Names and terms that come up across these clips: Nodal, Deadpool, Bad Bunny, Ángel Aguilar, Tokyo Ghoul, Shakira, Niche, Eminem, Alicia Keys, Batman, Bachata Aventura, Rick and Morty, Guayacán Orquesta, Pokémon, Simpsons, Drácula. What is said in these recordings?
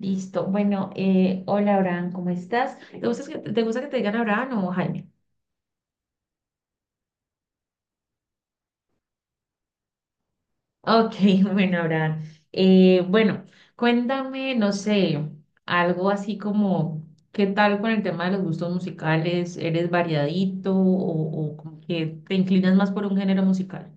Listo. Bueno, hola Abraham, ¿cómo estás? ¿Te gusta que te digan Abraham o Jaime? Ok, bueno, Abraham. Bueno, cuéntame, no sé, algo así como, ¿qué tal con el tema de los gustos musicales? ¿Eres variadito o como que te inclinas más por un género musical?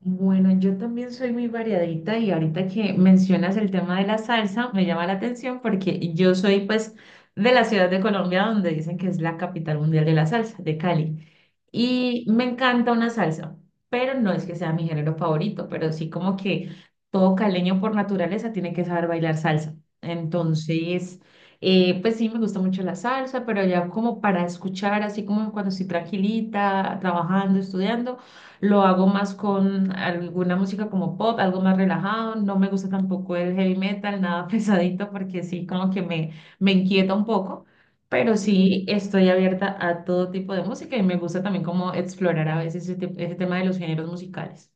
Bueno, yo también soy muy variadita y ahorita que mencionas el tema de la salsa me llama la atención porque yo soy pues de la ciudad de Colombia donde dicen que es la capital mundial de la salsa, de Cali. Y me encanta una salsa, pero no es que sea mi género favorito, pero sí como que todo caleño por naturaleza tiene que saber bailar salsa. Entonces, pues sí, me gusta mucho la salsa, pero ya como para escuchar, así como cuando estoy tranquilita, trabajando, estudiando, lo hago más con alguna música como pop, algo más relajado. No me gusta tampoco el heavy metal, nada pesadito, porque sí, como que me inquieta un poco. Pero sí estoy abierta a todo tipo de música y me gusta también como explorar a veces ese tema de los géneros musicales.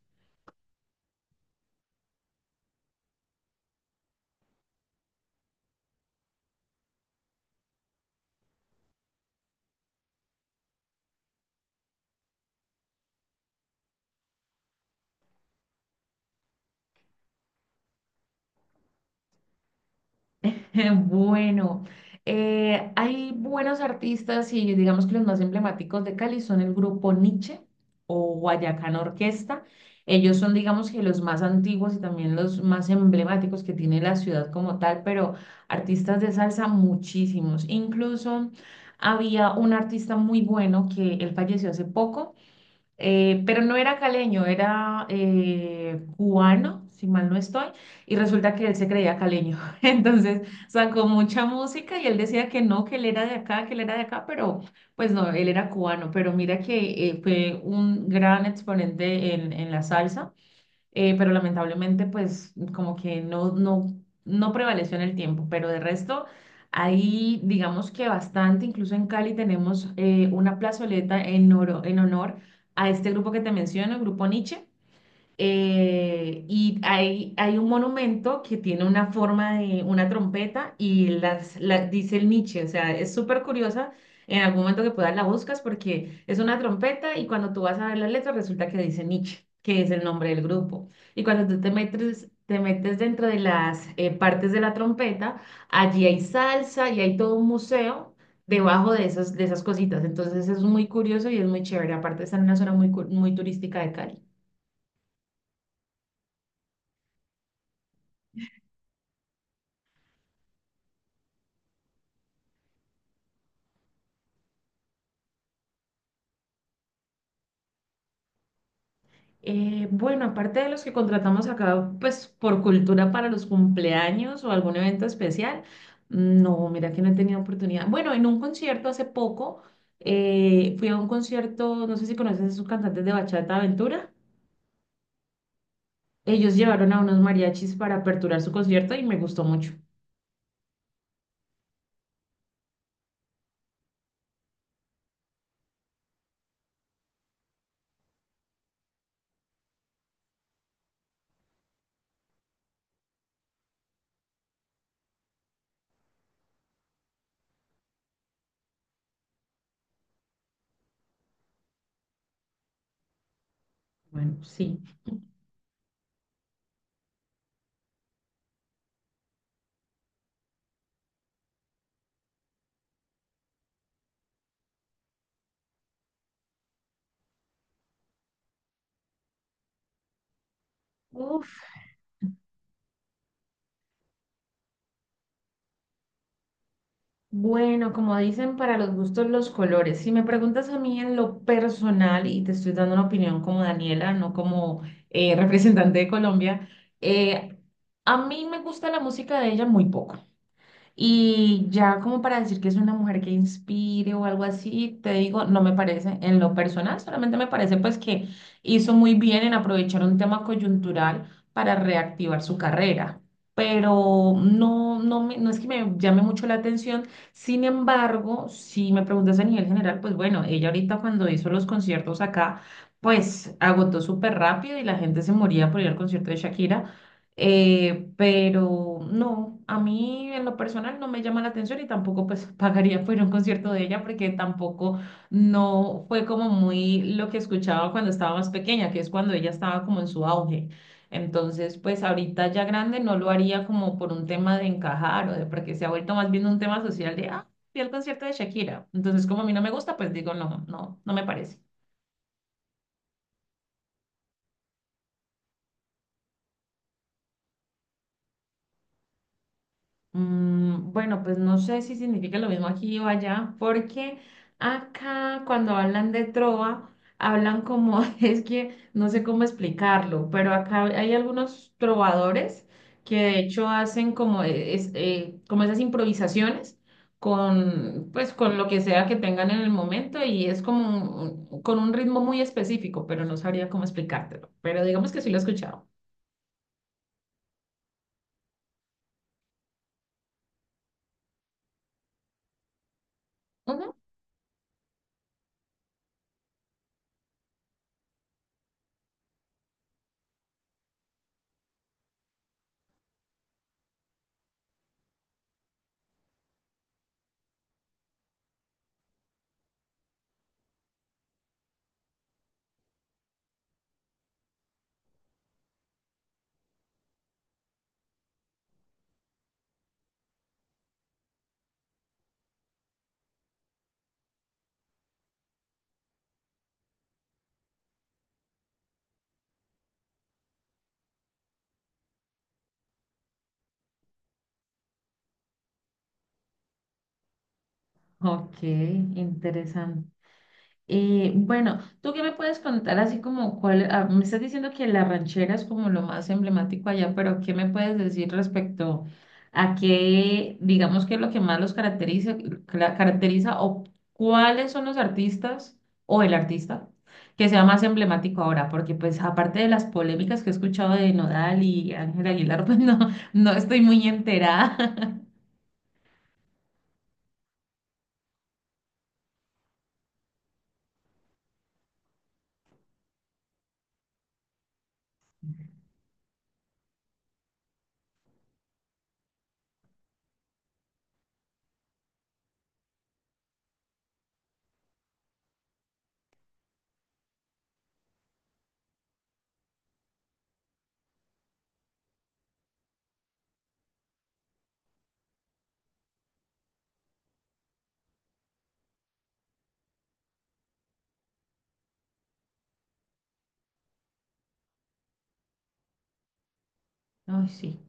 Bueno, hay buenos artistas y digamos que los más emblemáticos de Cali son el grupo Niche o Guayacán Orquesta. Ellos son, digamos que los más antiguos y también los más emblemáticos que tiene la ciudad como tal, pero artistas de salsa muchísimos. Incluso había un artista muy bueno que él falleció hace poco, pero no era caleño, era cubano, si mal no estoy, y resulta que él se creía caleño. Entonces sacó mucha música y él decía que no, que él era de acá, que él era de acá, pero pues no, él era cubano. Pero mira que fue un gran exponente en la salsa, pero lamentablemente pues como que no, no, no prevaleció en el tiempo, pero de resto ahí digamos que bastante. Incluso en Cali tenemos una plazoleta en honor a este grupo que te menciono, el grupo Nietzsche. Y hay un monumento que tiene una forma de una trompeta y dice el Nietzsche, o sea, es súper curiosa. En algún momento que puedas la buscas porque es una trompeta y cuando tú vas a ver las letras resulta que dice Nietzsche, que es el nombre del grupo. Y cuando tú te metes dentro de las partes de la trompeta, allí hay salsa y hay todo un museo debajo de esas cositas. Entonces es muy curioso y es muy chévere. Aparte está en una zona muy turística de Cali. Bueno, aparte de los que contratamos acá, pues por cultura para los cumpleaños o algún evento especial, no, mira que no he tenido oportunidad. Bueno, en un concierto hace poco, fui a un concierto, no sé si conoces a esos cantantes de Bachata Aventura. Ellos llevaron a unos mariachis para aperturar su concierto y me gustó mucho. Bueno, sí. Uf, bueno, como dicen, para los gustos los colores. Si me preguntas a mí en lo personal, y te estoy dando una opinión como Daniela, no como representante de Colombia, eh, a mí me gusta la música de ella muy poco. Y ya como para decir que es una mujer que inspire o algo así, te digo, no me parece en lo personal, solamente me parece pues que hizo muy bien en aprovechar un tema coyuntural para reactivar su carrera. Pero no es que me llame mucho la atención. Sin embargo, si me preguntas a nivel general, pues bueno, ella ahorita cuando hizo los conciertos acá, pues agotó súper rápido y la gente se moría por ir al concierto de Shakira. Pero no, a mí en lo personal no me llama la atención y tampoco pues pagaría por ir a un concierto de ella porque tampoco no fue como muy lo que escuchaba cuando estaba más pequeña, que es cuando ella estaba como en su auge. Entonces, pues ahorita ya grande no lo haría como por un tema de encajar o de porque se ha vuelto más bien un tema social de, ah, fui al concierto de Shakira. Entonces, como a mí no me gusta, pues digo, no, no, no me parece. Bueno, pues no sé si significa lo mismo aquí o allá, porque acá cuando hablan de trova, hablan como, es que no sé cómo explicarlo, pero acá hay algunos trovadores que de hecho hacen como, como esas improvisaciones pues, con lo que sea que tengan en el momento y es como con un ritmo muy específico, pero no sabría cómo explicártelo, pero digamos que sí lo he escuchado. Ujú. Ok, interesante. Bueno, ¿tú qué me puedes contar así como cuál, ah, me estás diciendo que la ranchera es como lo más emblemático allá, pero ¿qué me puedes decir respecto a qué, digamos, qué es lo que más los caracteriza, cla- caracteriza o cuáles son los artistas o el artista que sea más emblemático ahora? Porque pues aparte de las polémicas que he escuchado de Nodal y Ángel Aguilar, pues no estoy muy enterada. Ay, sí.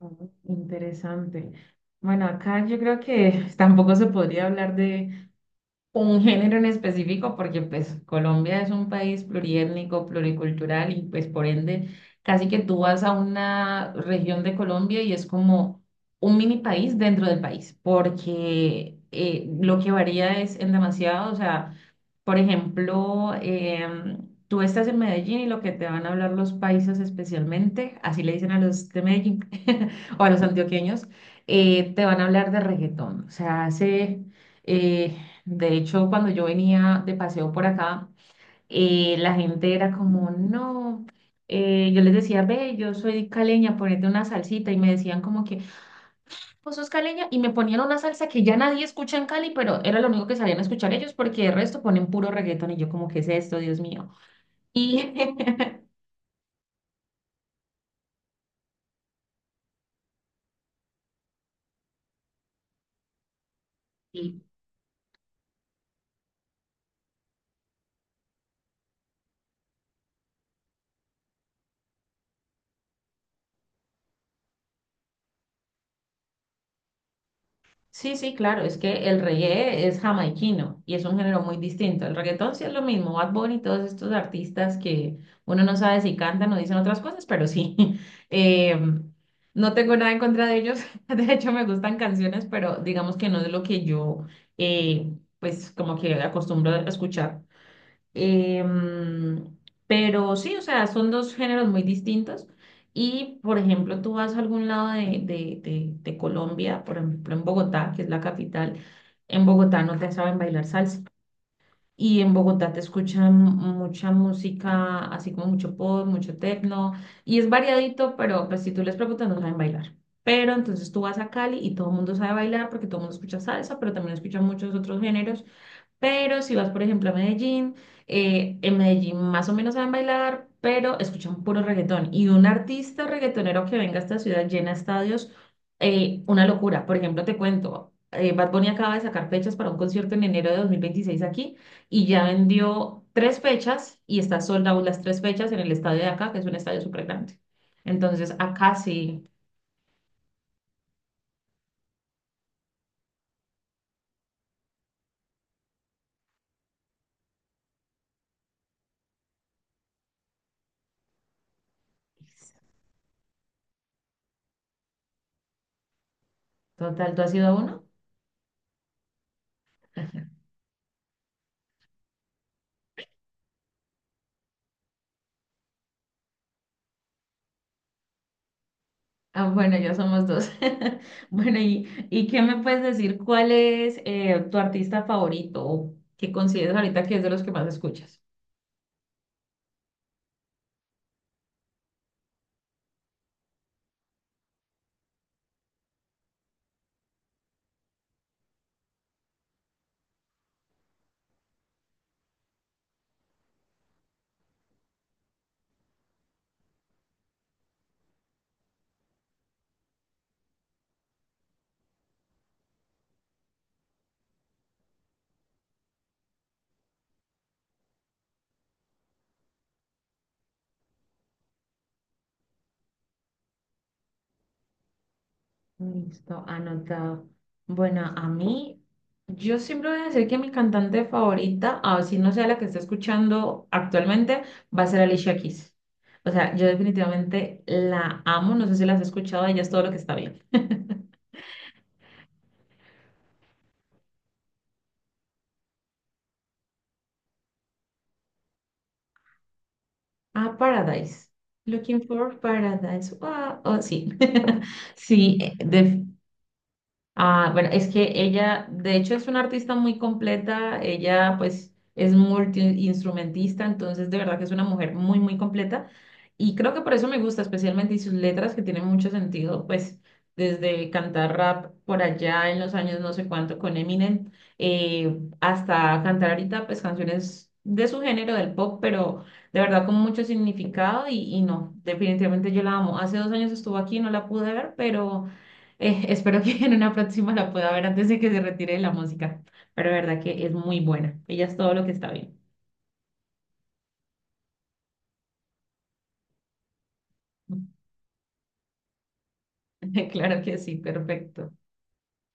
Oh, interesante. Bueno, acá yo creo que tampoco se podría hablar de un género en específico porque pues Colombia es un país pluriétnico, pluricultural y pues por ende casi que tú vas a una región de Colombia y es como un mini país dentro del país porque lo que varía es en demasiado, o sea... Por ejemplo, tú estás en Medellín y lo que te van a hablar los paisas especialmente, así le dicen a los de Medellín o a los antioqueños, te van a hablar de reggaetón. O sea, eh, de hecho, cuando yo venía de paseo por acá, la gente era como, no. Yo les decía, ve, yo soy caleña, ponete una salsita, y me decían como que, Pozos caleña, y me ponían una salsa que ya nadie escucha en Cali, pero era lo único que salían a escuchar ellos porque el resto ponen puro reggaetón y yo como, ¿qué es esto, Dios mío? Y y- sí, sí, claro, es que el reggae es jamaiquino y es un género muy distinto. El reggaetón sí es lo mismo, Bad Bunny y todos estos artistas que uno no sabe si cantan o dicen otras cosas, pero sí. Eh, no tengo nada en contra de ellos, de hecho me gustan canciones, pero digamos que no es lo que yo, pues como que acostumbro a escuchar. Em, pero sí, o sea, son dos géneros muy distintos. Y, por ejemplo, tú vas a algún lado de Colombia, por ejemplo, en Bogotá, que es la capital, en Bogotá no te saben bailar salsa. Y en Bogotá te escuchan mucha música, así como mucho pop, mucho techno. Y es variadito, pero pues si tú les preguntas no saben bailar. Pero entonces tú vas a Cali y todo el mundo sabe bailar porque todo el mundo escucha salsa, pero también escucha muchos otros géneros. Pero si vas, por ejemplo, a Medellín, en Medellín más o menos saben bailar, pero escuchan puro reggaetón. Y un artista reggaetonero que venga a esta ciudad llena estadios, una locura. Por ejemplo, te cuento, Bad Bunny acaba de sacar fechas para un concierto en enero de 2026 aquí y ya vendió tres fechas y está sold out las tres fechas en el estadio de acá, que es un estadio súper grande. Entonces, acá sí, total, ¿tú has ido a uno? Ah, bueno, ya somos dos. Bueno, ¿y qué me puedes decir? ¿Cuál es tu artista favorito o que consideras ahorita que es de los que más escuchas? Listo, anotado. Bueno, a mí, yo siempre voy a decir que mi cantante favorita, así no sea la que esté escuchando actualmente, va a ser Alicia Keys. O sea, yo definitivamente la amo, no sé si la has escuchado, ella es todo lo que está bien. Ah, Paradise. Looking for Paradise. Wow. Oh, sí, sí. Ah, bueno, es que ella, de hecho, es una artista muy completa. Ella, pues, es multiinstrumentista, entonces, de verdad que es una mujer muy, muy completa. Y creo que por eso me gusta, especialmente, y sus letras que tienen mucho sentido, pues, desde cantar rap por allá en los años no sé cuánto con Eminem, hasta cantar ahorita, pues, canciones de su género, del pop, pero de verdad con mucho significado. Y no, definitivamente yo la amo. Hace 2 años estuvo aquí, no la pude ver, pero. Espero que en una próxima la pueda ver antes de que se retire de la música, pero de verdad que es muy buena. Ella es todo lo que está bien. Claro que sí, perfecto.